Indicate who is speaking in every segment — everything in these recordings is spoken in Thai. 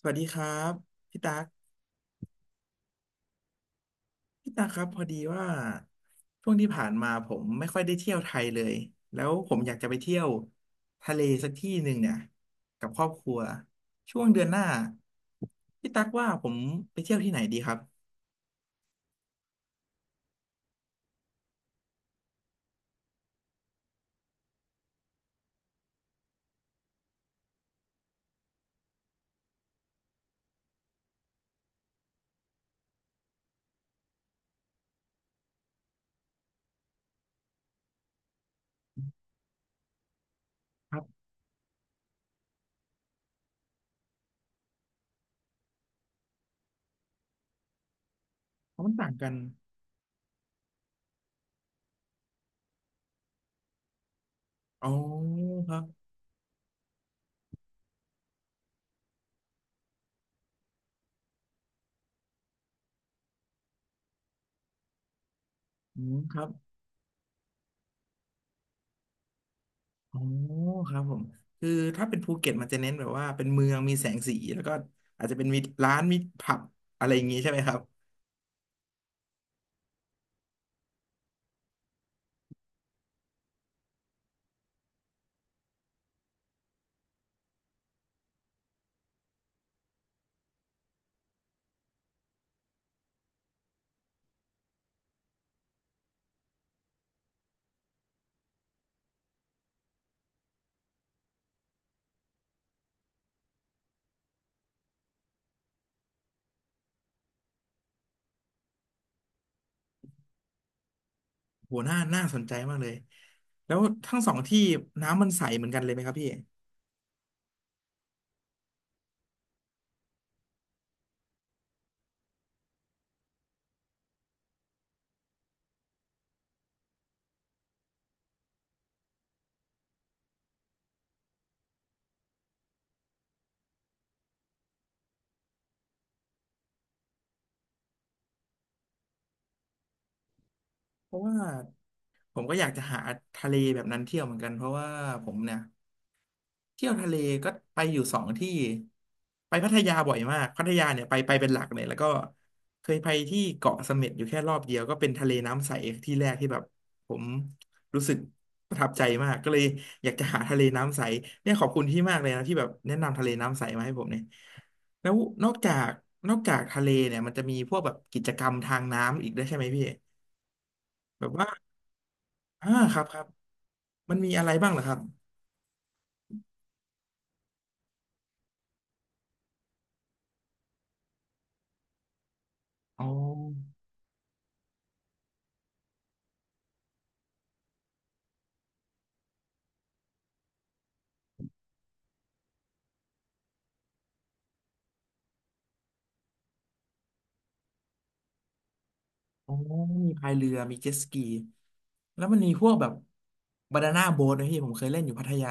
Speaker 1: สวัสดีครับพี่ตั๊กพี่ตั๊กครับพอดีว่าช่วงที่ผ่านมาผมไม่ค่อยได้เที่ยวไทยเลยแล้วผมอยากจะไปเที่ยวทะเลสักที่หนึ่งเนี่ยกับครอบครัวช่วงเดือนหน้าพี่ตั๊กว่าผมไปเที่ยวที่ไหนดีครับครับเพราะมันต่างกันอ๋อครับอืมครับอ๋อครับผมคือถ้าเป็นภูเก็ตมันจะเน้นแบบว่าเป็นเมืองมีแสงสีแล้วก็อาจจะเป็นมีร้านมีผับอะไรอย่างงี้ใช่ไหมครับ โหน่าน่าสนใจมากเลย แล้วทั้งสองที่น้ำมันใสเหมือนกันเลยไหมครับพี่ เพราะว่าผมก็อยากจะหาทะเลแบบนั้นเที่ยวเหมือนกันเพราะว่าผมเนี่ย เที่ยวทะเลก็ไปอยู่สองที่ไปพัทยาบ่อยมากพัทยาเนี่ยไปเป็นหลักเลยแล้วก็เคยไปที่เกาะเสม็ดอยู่แค่รอบเดียวก็เป็นทะเลน้ำใสที่แรกที่แบบผมรู้สึกประทับใจมากก็เลยอยากจะหาทะเลน้ำใสเนี่ยขอบคุณที่มากเลยนะที่แบบแนะนำทะเลน้ำใสมาให้ผมเนี่ยแล้วนอกจากนอกจากทะเลเนี่ยมันจะมีพวกแบบกิจกรรมทางน้ำอีกได้วยใช่ไหมพี่แบบว่าอ่าครับครับมันมีอะไรบ้างเหรอครับอ๋อ อ๋อมีพายเรือ มีเจ็ตสกี แล้วมันมีพวกแบบบานาน่าโบ๊ทนะพี่ผมเคยเล่นอยู่พัทยา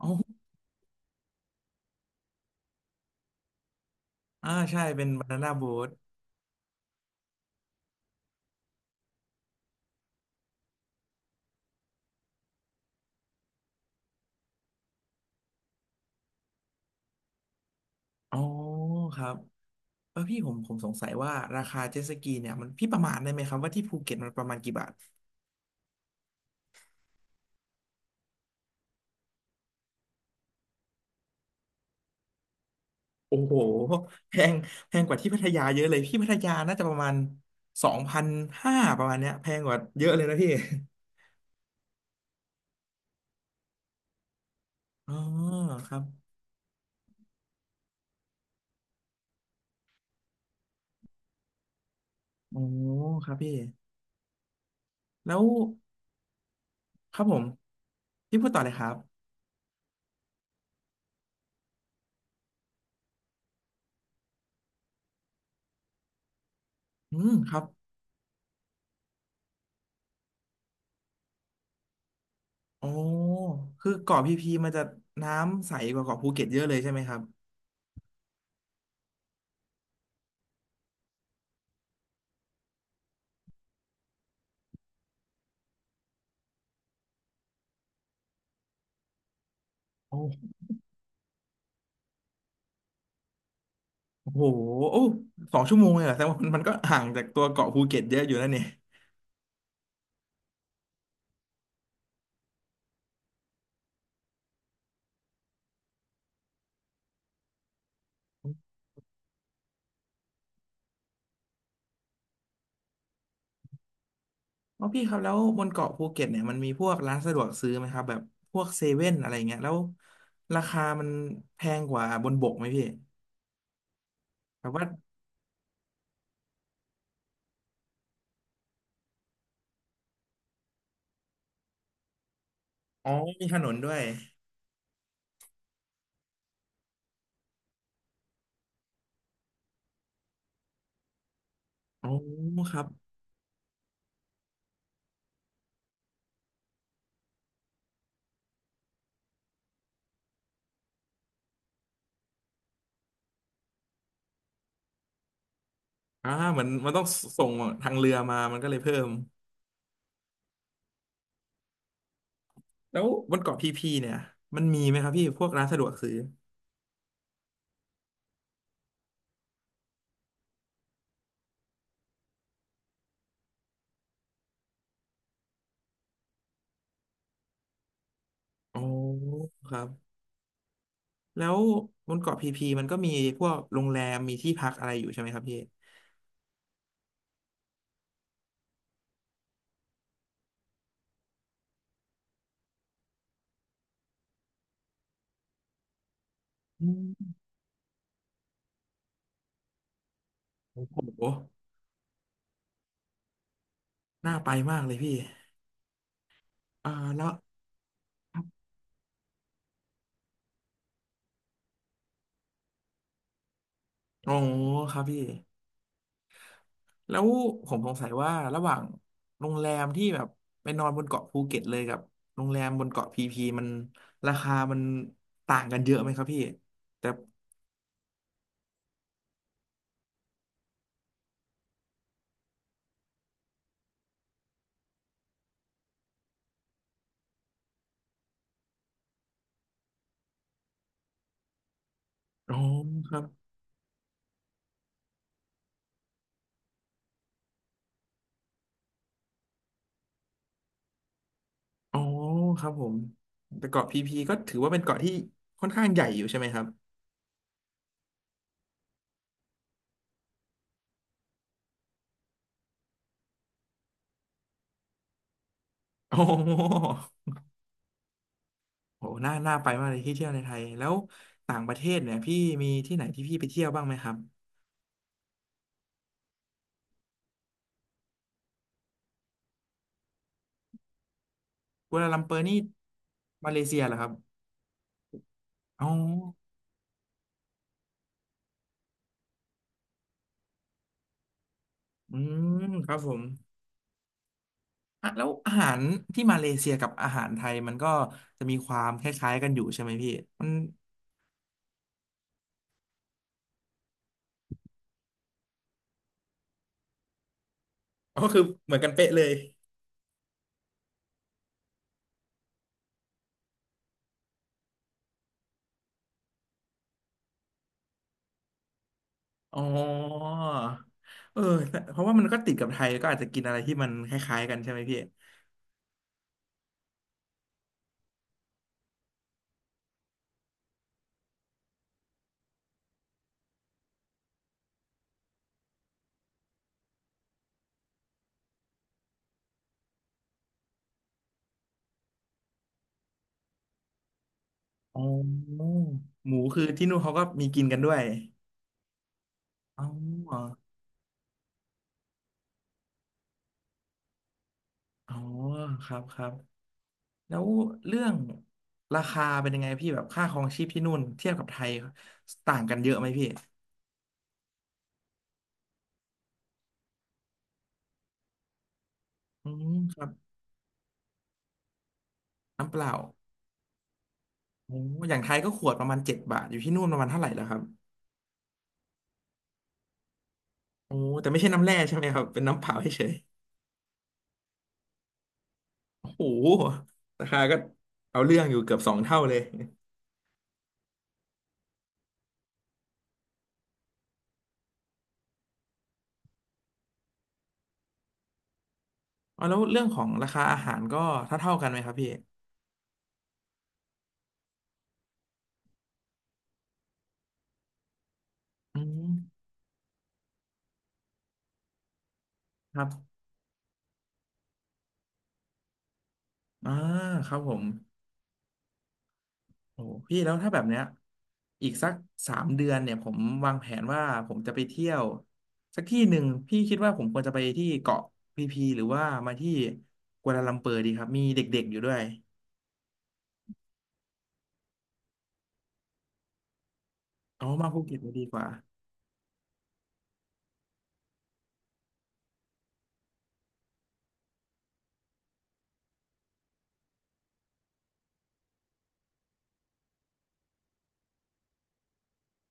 Speaker 1: อ๋ออ่าใช่ เป็นบานาน่าโบ๊ทอ๋อครับเออพี่ผมสงสัยว่าราคาเจ็ตสกีเนี่ยมันพี่ประมาณได้ไหมครับว่าที่ภูเก็ตมันประมาณกี่บาทโอ้โหแพงแพงกว่าที่พัทยาเยอะเลยพี่พัทยาน่าจะประมาณ2,500ประมาณเนี้ยแพงกว่าเยอะเลยนะพี่อ๋อครับโอ้ครับพี่แล้วครับผมพี่พูดต่อเลยครับอืมครับ โอ้คือเกาะพีพีมันจะน้ำใสกว่าเกาะภูเก็ตเยอะเลยใช่ไหมครับโอ้โหโอ้2 ชั่วโมงเลยเหรอแสดงว่ามันก็ห่างจากตัวเกาะภูเก็ตเยอะอยู่นะเนี่ยอ๋อพี่ครับแล้วบนเกาะภูเก็ตเนี่ยมันมีพวกร้านสะดวกซื้อไหมครับแบบพวกเซเว่นอะไรเงี้ยแล้วราคามันแพงกว่าบนบกไหมพี่แบบว่าอ๋อมีถนนด้วยอ๋อครับอ่าเหมือนมันต้องส่งทางเรือมามันก็เลยเพิ่มแล้วบนเกาะพีพีเนี่ยมันมีไหมครับพี่พวกร้านสะดวกซื้อ อ๋อครับแล้วบนเกาะพีพีมันก็มีพวกโรงแรมมีที่พักอะไรอยู่ใช่ไหมครับพี่อืมโอ้โหน่าไปมากเลยพี่อ่าแล้วครับอ๋อครับพี่แล้วผมสงสัยว่าระหว่างโรงแรมที่แบบไปนอนบนเกาะภูเก็ตเลยกับโรงแรมบนเกาะพีพีมันราคามันต่างกันเยอะไหมครับพี่แต่อ๋อครับอ๋อครับผมแต่เกาะพีพีก็ถือว่าเป็นเกาะที่ค่อนข้างใหญ่อยู่ใช่ไหมครับอ๋อ โหน่าน่าไปมากเลยที่เที่ยวในไทยแล้วต่างประเทศเนี่ยพี่มีที่ไหนที่พี่ไปเที่ยวบ้างไหมครับกัวลาลัมเปอร์นี่มาเลเซียเหรอครับอ๋ออืมครับผมอ่ะแล้วอาหารที่มาเลเซียกับอาหารไทยมันก็จะมีความคล้ายๆกันอยู่ใช่ไหมพี่มันก็คือเหมือนกันเป๊ะเลยอ๋อเออตเพราะว่ามันก็ติดกับไทยก็อาจจะกินอะไรที่มันคล้ายๆกันใช่ไหมพี่อ๋อหมูคือที่นู่นเขาก็มีกินกันด้วยอ๋อ อ๋อครับครับแล้วเรื่องราคาเป็นยังไงพี่แบบค่าครองชีพที่นู่นเทียบกับไทยต่างกันเยอะไหมพี่อืมครับน้ำเปล่าโอ้อย่างไทยก็ขวดประมาณ7 บาทอยู่ที่นู่นประมาณเท่าไหร่แล้วครับโอ้แต่ไม่ใช่น้ำแร่ใช่ไหมครับเป็นน้ำเปล่าเฉยๆโอ้โหราคาก็เอาเรื่องอยู่เกือบ2 เท่าเลยอ๋อแล้วเรื่องของราคาอาหารก็เท่าเท่ากันไหมครับพี่อืมครับอ่าครับผม โอ้โหพี่แล้วถ้าแบบเนี้ยอีกสัก3 เดือนเนี่ยผมวางแผนว่าผมจะไปเที่ยวสักที่หนึ่งพี่คิดว่าผมควรจะไปที่เกาะพีพีหรือว่ามาที่กัวลาลัมเปอร์ดีครับมีเด็กๆอยู่ด้วยเอามาภูเก็ตจะดีกว่า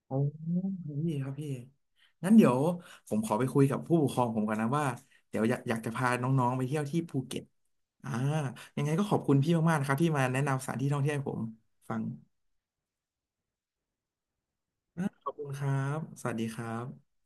Speaker 1: โอ้พี่ครับพี่งั้นเดี๋ยวผมขอไปคุยกับผู้ปกครองผมก่อนนะว่าเดี๋ยวอยากจะพาน้องๆไปเที่ยวที่ภูเก็ตอ่ายังไงก็ขอบคุณพี่มากๆนะครับที่มาแนะนำสถานที่ท่องเที่ยวให้ผมฟังขอบคุณครับสวัสดีครับ